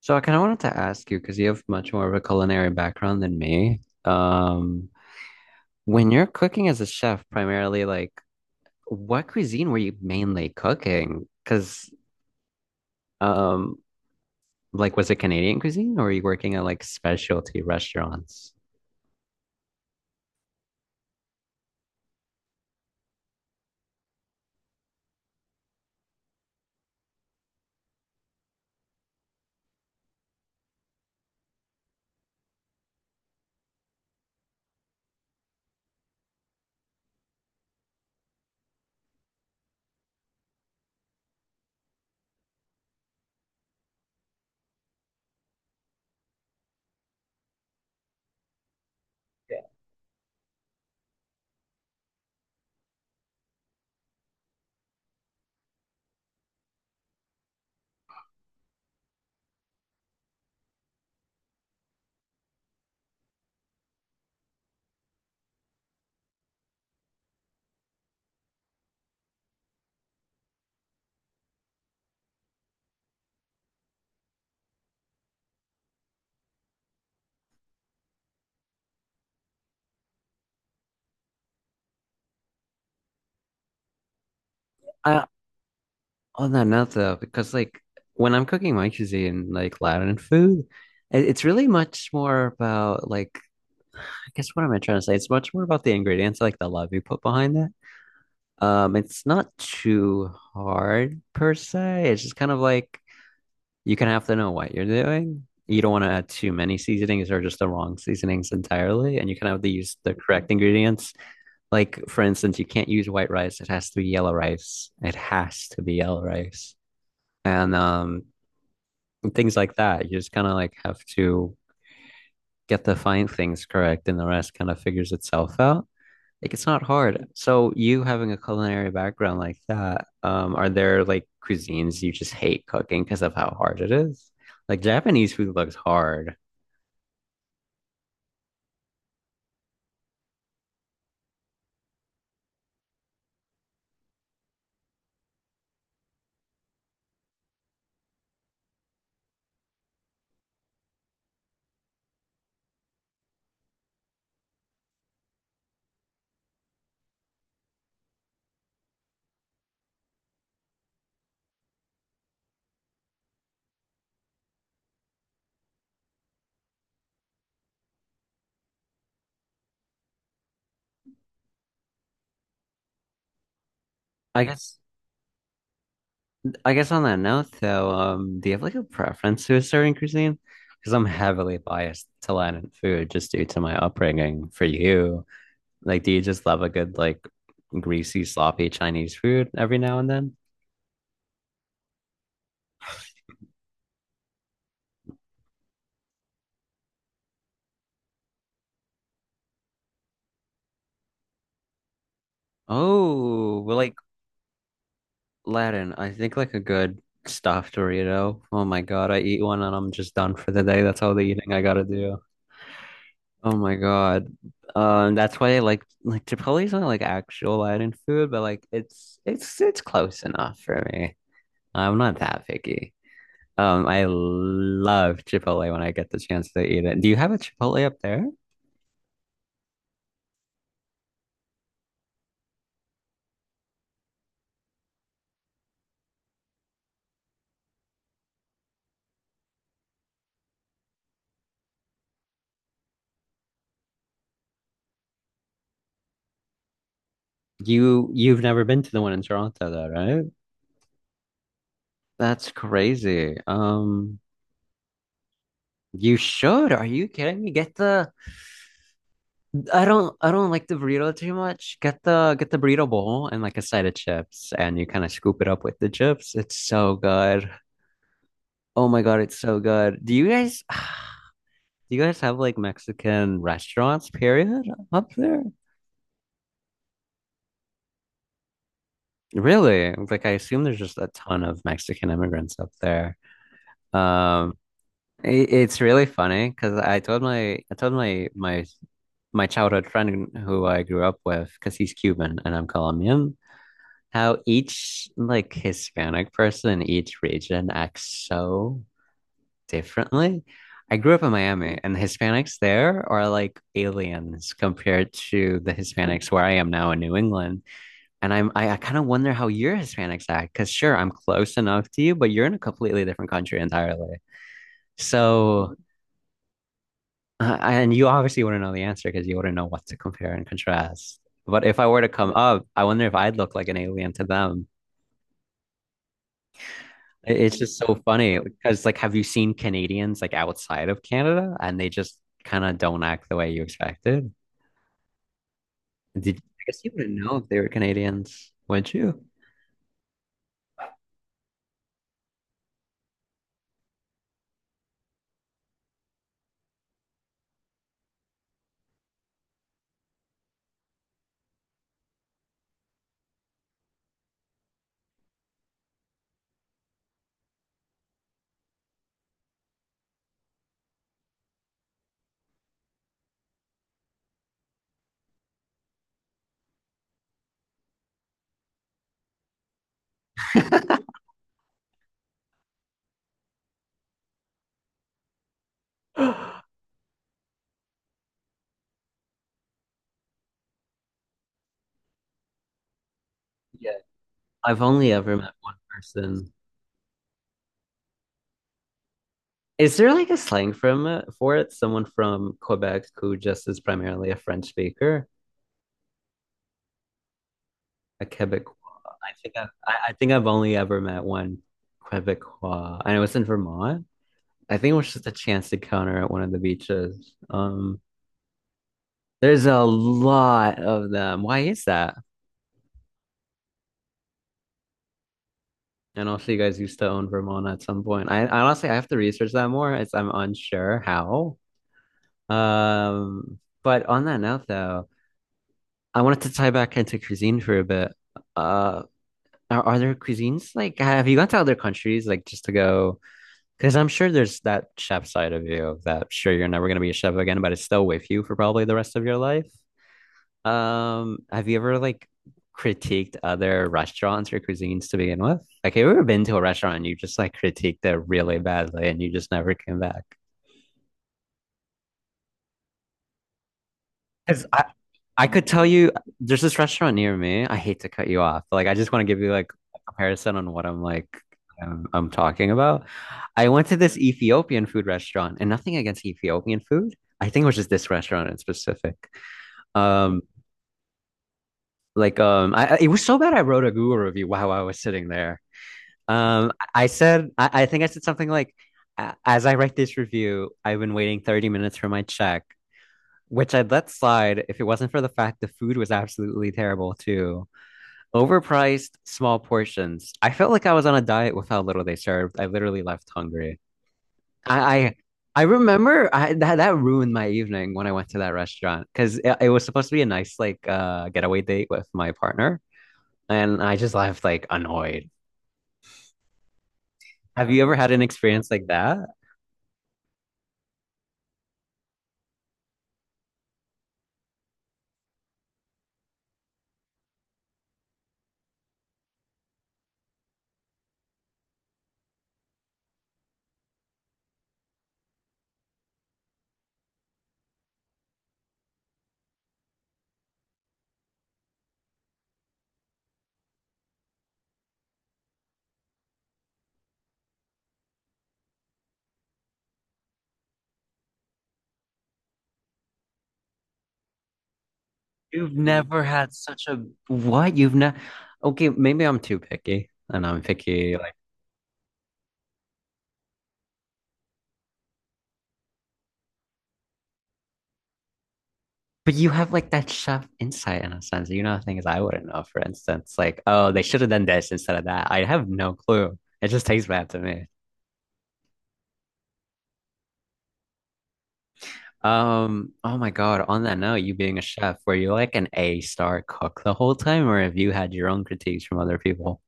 So I kind of wanted to ask you because you have much more of a culinary background than me. When you're cooking as a chef, primarily, like what cuisine were you mainly cooking? Um, like, was it Canadian cuisine or were you working at like specialty restaurants? I, On that note, though, because like when I'm cooking my cuisine, like Latin food, it's really much more about like I guess what am I trying to say? It's much more about the ingredients, like the love you put behind it. It's not too hard per se. It's just kind of like you kind of have to know what you're doing. You don't want to add too many seasonings or just the wrong seasonings entirely, and you kind of have to use the correct ingredients. Like for instance, you can't use white rice. It has to be yellow rice. It has to be yellow rice. And um, and things like that. You just kind of like have to get the fine things correct, and the rest kind of figures itself out. Like it's not hard. So you having a culinary background like that, are there like cuisines you just hate cooking because of how hard it is? Like Japanese food looks hard. I guess I guess on that note though, do you have like a preference to a certain cuisine? Because I'm heavily biased to Latin food just due to my upbringing. For you, like, do you just love a good, like, greasy, sloppy Chinese food every now and then? Oh, well, like Latin, I think like a good stuffed Dorito. Oh my God, I eat one and I'm just done for the day. That's all the eating I gotta do. Oh my God. That's why I like chipotle is not like actual Latin food, but like it's it's close enough for me. I'm not that picky. I love Chipotle when I get the chance to eat it. Do you have a Chipotle up there? You've never been to the one in Toronto though, right? That's crazy. You should. Are you kidding me? Get the I don't like the burrito too much. Get the burrito bowl and like a side of chips and you kind of scoop it up with the chips. It's so good. Oh my God, it's so good. Do you guys do you guys have like Mexican restaurants, period, up there? Really? Like I assume there's just a ton of Mexican immigrants up there. Um, it, it's really funny because I told my my my childhood friend who I grew up with because he's Cuban and I'm Colombian, how each like Hispanic person in each region acts so differently. I grew up in Miami, and the Hispanics there are like aliens compared to the Hispanics where I am now in New England. And I kind of wonder how your Hispanics act, because sure, I'm close enough to you, but you're in a completely different country entirely. So, and you obviously wouldn't know the answer because you wouldn't know what to compare and contrast. But if I were to come up, I wonder if I'd look like an alien to them. It's just so funny because, like, have you seen Canadians like outside of Canada and they just kind of don't act the way you expected? Did I guess you wouldn't know if they were Canadians, would you? Yeah. I've only ever met one person. Is there like a slang from it for it? Someone from Quebec who just is primarily a French speaker, a Quebecois. I think I've only ever met one Quebecois, and it was in Vermont. I think it was just a chance encounter at one of the beaches. There's a lot of them. Why is that? And also, you guys used to own Vermont at some point. I honestly, I have to research that more. It's, I'm unsure how. Um, but on that note, though, I wanted to tie back into cuisine for a bit. Uh, are there cuisines like have you gone to other countries like just to go? Because I'm sure there's that chef side of you that sure you're never going to be a chef again, but it's still with you for probably the rest of your life. Have you ever like critiqued other restaurants or cuisines to begin with? Like, have you ever been to a restaurant and you just like critiqued it really badly and you just never came back? Because I could tell you there's this restaurant near me. I hate to cut you off, but like I just want to give you like a comparison on what I'm like I'm talking about. I went to this Ethiopian food restaurant and nothing against Ethiopian food. I think it was just this restaurant in specific. Um like it was so bad I wrote a Google review while I was sitting there. I think I said something like, as I write this review, I've been waiting 30 minutes for my check, which I'd let slide if it wasn't for the fact the food was absolutely terrible too. Overpriced, small portions. I felt like I was on a diet with how little they served. I literally left hungry. I, I I remember that that ruined my evening when I went to that restaurant because it was supposed to be a nice like getaway date with my partner, and I just left like annoyed. Have you ever had an experience like that? You've never had such a what? You've never Okay, maybe I'm too picky and I'm picky like but you have like that chef insight in a sense. You know things I wouldn't know, for instance. Like, oh, they should have done this instead of that. I have no clue. It just tastes bad to me. Oh my God, on that note, you being a chef, were you like an A star cook the whole time, or have you had your own critiques from other people?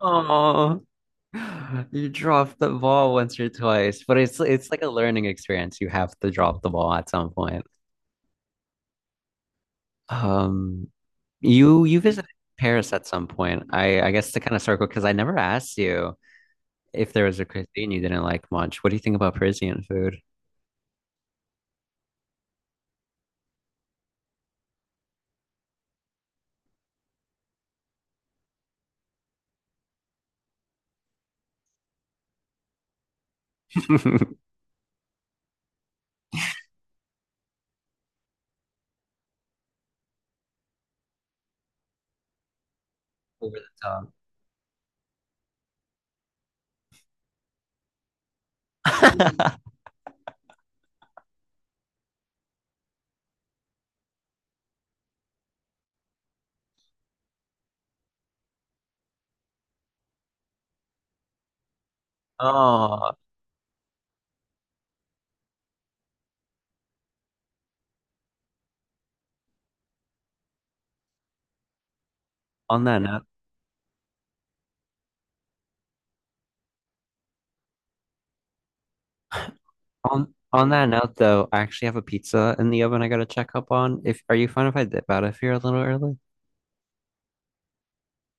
Oh, you dropped the ball once or twice, but it's like a learning experience. You have to drop the ball at some point. Um, you visited Paris at some point. I guess to kind of circle because I never asked you if there was a cuisine you didn't like much. What do you think about Parisian food? Over the top. Oh, on that note, on that note though, I actually have a pizza in the oven I gotta check up on. If are you fine if I dip out of here a little early?